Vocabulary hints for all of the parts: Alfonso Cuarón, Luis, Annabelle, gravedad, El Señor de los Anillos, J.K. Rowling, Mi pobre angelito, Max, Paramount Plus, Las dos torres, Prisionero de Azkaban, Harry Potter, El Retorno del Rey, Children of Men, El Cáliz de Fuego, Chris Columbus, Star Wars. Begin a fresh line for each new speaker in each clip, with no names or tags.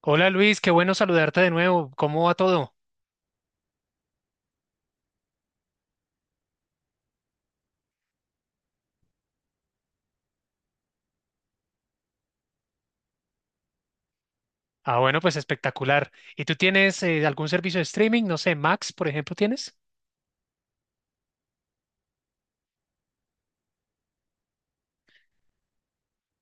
Hola Luis, qué bueno saludarte de nuevo. ¿Cómo va todo? Ah, bueno, pues espectacular. ¿Y tú tienes algún servicio de streaming? No sé, Max, por ejemplo, ¿tienes?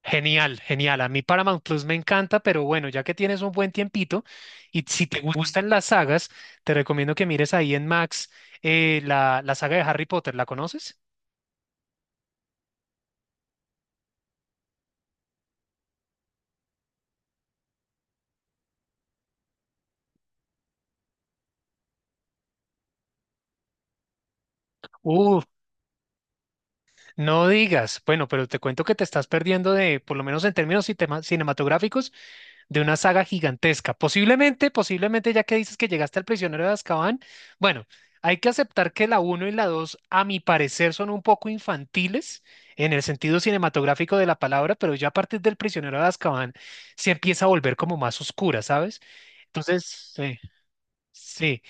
Genial, genial. A mí Paramount Plus me encanta, pero bueno, ya que tienes un buen tiempito y si gustan las sagas, te recomiendo que mires ahí en Max la saga de Harry Potter. ¿La conoces? Uh, no digas. Bueno, pero te cuento que te estás perdiendo de, por lo menos en términos cinematográficos, de una saga gigantesca. Posiblemente, posiblemente, ya que dices que llegaste al prisionero de Azkaban, bueno, hay que aceptar que la uno y la 2 a mi parecer, son un poco infantiles en el sentido cinematográfico de la palabra, pero ya a partir del prisionero de Azkaban se empieza a volver como más oscura, ¿sabes? Entonces, sí, sí.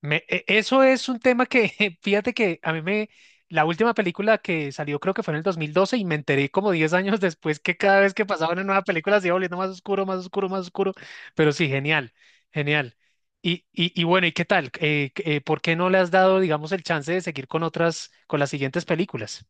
Eso es un tema que, fíjate que la última película que salió creo que fue en el 2012 y me enteré como 10 años después que cada vez que pasaba una nueva película se iba volviendo más oscuro, más oscuro, más oscuro, pero sí, genial, genial. Y bueno, ¿y qué tal? ¿Por qué no le has dado, digamos, el chance de seguir con otras, con las siguientes películas?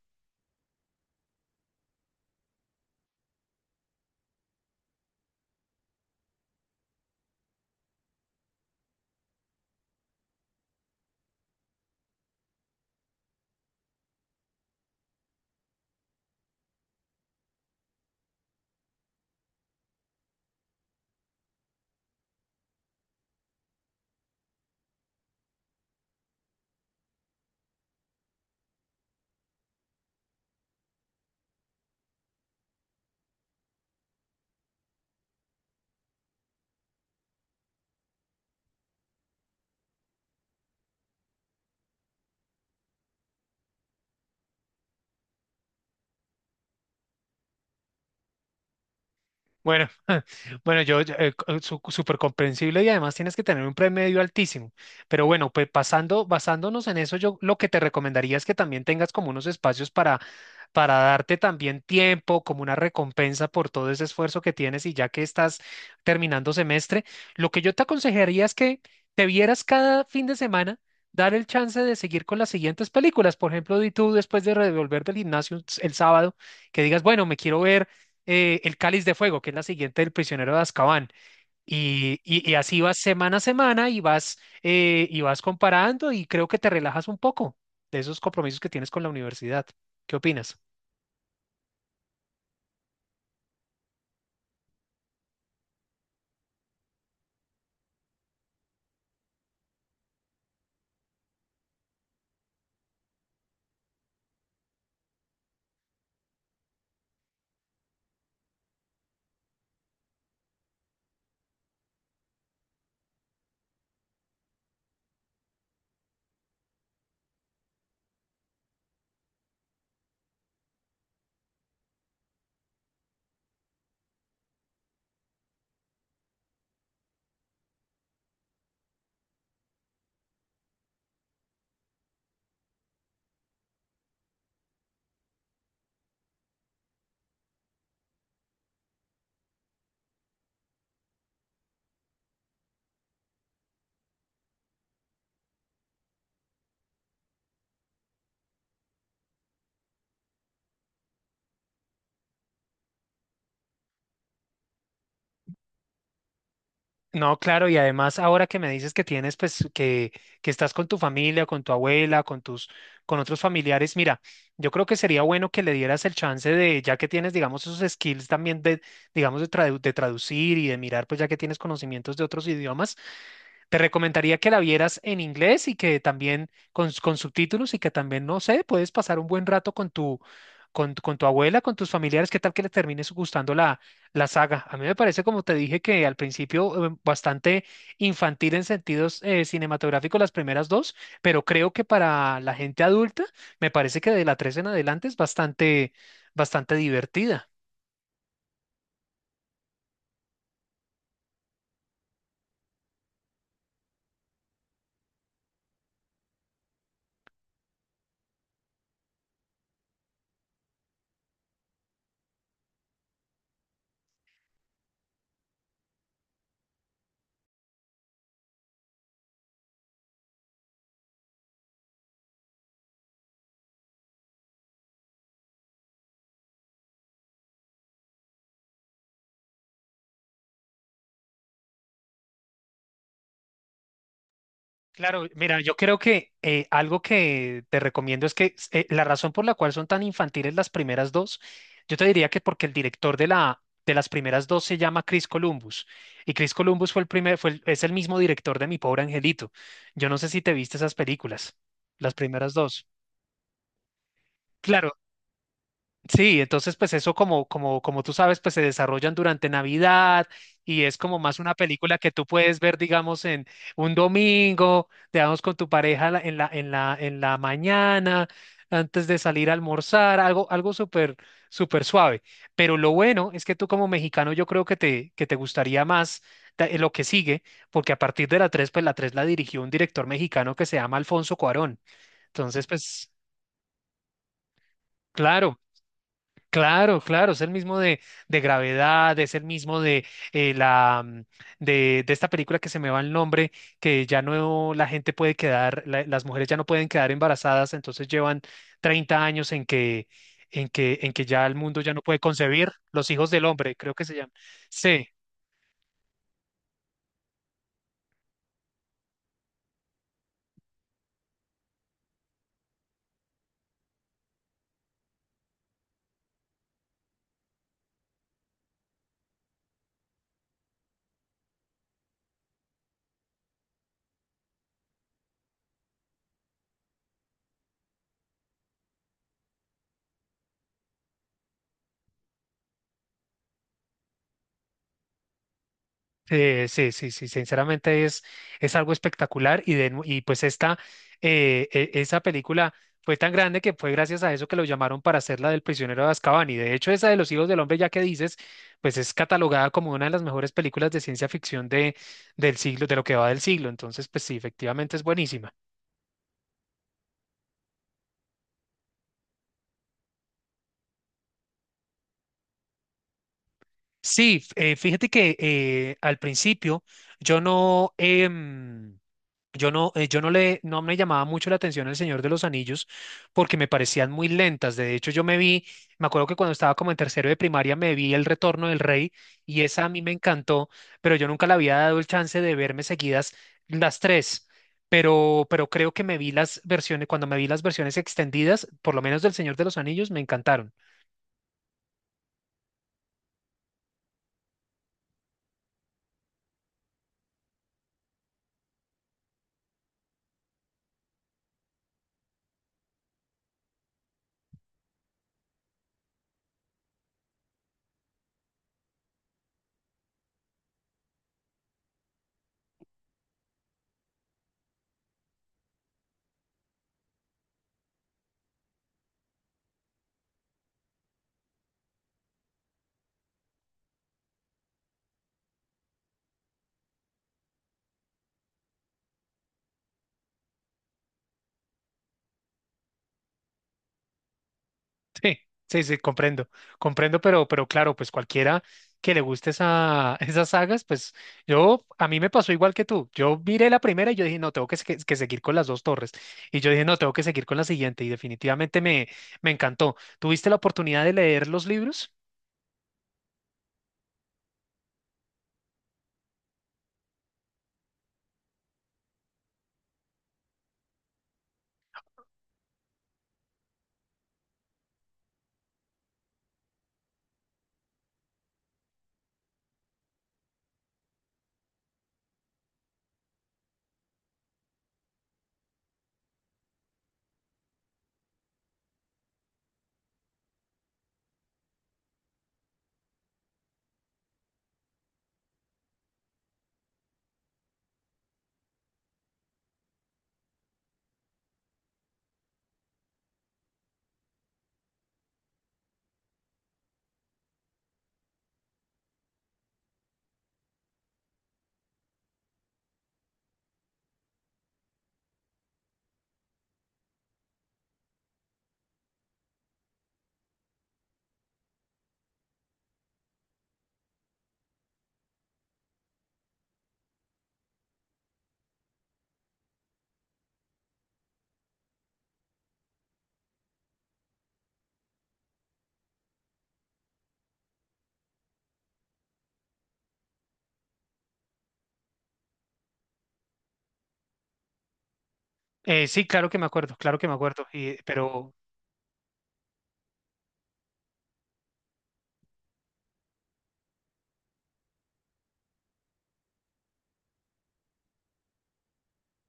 Bueno, bueno, súper comprensible y además tienes que tener un promedio altísimo. Pero bueno, pues pasando, basándonos en eso, yo lo que te recomendaría es que también tengas como unos espacios para darte también tiempo, como una recompensa por todo ese esfuerzo que tienes y ya que estás terminando semestre, lo que yo te aconsejaría es que te vieras cada fin de semana. Dar el chance de seguir con las siguientes películas. Por ejemplo, di tú después de revolver del gimnasio el sábado, que digas, bueno, me quiero ver El Cáliz de Fuego, que es la siguiente del Prisionero de Azkaban. Y así vas semana a semana y vas, y vas comparando y creo que te relajas un poco de esos compromisos que tienes con la universidad. ¿Qué opinas? No, claro, y además ahora que me dices que tienes, que estás con tu familia, con tu abuela, con otros familiares, mira, yo creo que sería bueno que le dieras el chance de, ya que tienes, digamos, esos skills también de, digamos, de traducir y de mirar, pues, ya que tienes conocimientos de otros idiomas. Te recomendaría que la vieras en inglés y que también con subtítulos y que también, no sé, puedes pasar un buen rato con tu, con tu abuela, con tus familiares, qué tal que le termines la saga. A mí me parece, como te dije, que al principio bastante infantil en sentidos cinematográficos las primeras dos, pero creo que para la gente adulta me parece que de la tres en adelante es bastante, bastante divertida. Claro, mira, yo creo que algo que te recomiendo es que la razón por la cual son tan infantiles las primeras dos, yo te diría que porque el director de las primeras dos se llama Chris Columbus y Chris Columbus fue el primer fue el- es el mismo director de Mi pobre angelito. Yo no sé si te viste esas películas, las primeras dos. Claro, sí, entonces pues eso como, como tú sabes, pues se desarrollan durante Navidad y es como más una película que tú puedes ver, digamos, en un domingo, digamos, con tu pareja en la mañana, antes de salir a almorzar, algo, algo súper, súper suave. Pero lo bueno es que tú como mexicano yo creo que que te gustaría más lo que sigue, porque a partir de la 3 pues la 3 la dirigió un director mexicano que se llama Alfonso Cuarón. Entonces, pues, claro. Claro, claro, es el mismo de gravedad, es el mismo de eh, la mm, de esta película que se me va el nombre, que ya no la gente puede quedar, las mujeres ya no pueden quedar embarazadas, entonces llevan 30 años en que, en que ya el mundo ya no puede concebir los hijos del hombre, creo que se llama. Sí. Sí, sinceramente es algo espectacular y pues esta, esa película fue tan grande que fue gracias a eso que lo llamaron para hacer la del prisionero de Azkaban y de hecho esa de los hijos del hombre ya que dices, pues es catalogada como una de las mejores películas de ciencia ficción de, del siglo, de lo que va del siglo, entonces pues sí, efectivamente es buenísima. Fíjate que al principio yo no... em, yo no, no me llamaba mucho la atención El Señor de los Anillos porque me parecían muy lentas. De hecho, me acuerdo que cuando estaba como en tercero de primaria me vi El Retorno del Rey y esa a mí me encantó, pero yo nunca le había dado el chance de verme seguidas las tres. Pero creo que me vi las versiones, cuando me vi las versiones extendidas, por lo menos del Señor de los Anillos, me encantaron. Sí, sí, sí, comprendo, comprendo, pero claro, pues cualquiera que le guste esa, esas sagas, pues yo, a mí me pasó igual que tú. Yo miré la primera y yo dije, no, que seguir con las dos torres. Y yo dije, no, tengo que seguir con la siguiente. Y definitivamente me encantó. ¿Tuviste la oportunidad de leer los libros? Sí, claro que me acuerdo, claro que me acuerdo, y, pero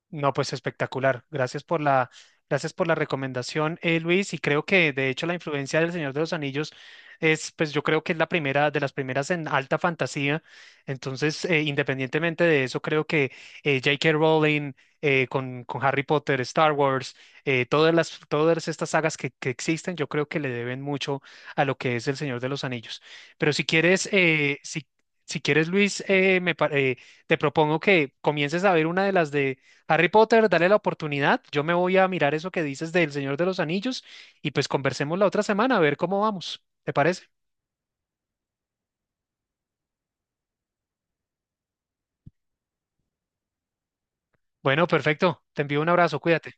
no, pues espectacular. Gracias por la recomendación, Luis. Y creo que de hecho la influencia del Señor de los Anillos es, pues yo creo que es la primera de las primeras en alta fantasía. Entonces, independientemente de eso, creo que J.K. Rowling con Harry Potter, Star Wars, todas todas estas sagas que existen, yo creo que le deben mucho a lo que es el Señor de los Anillos. Pero si quieres, si quieres, Luis, te propongo que comiences a ver una de las de Harry Potter, dale la oportunidad. Yo me voy a mirar eso que dices del Señor de los Anillos y pues conversemos la otra semana a ver cómo vamos. ¿Te parece? Bueno, perfecto. Te envío un abrazo. Cuídate.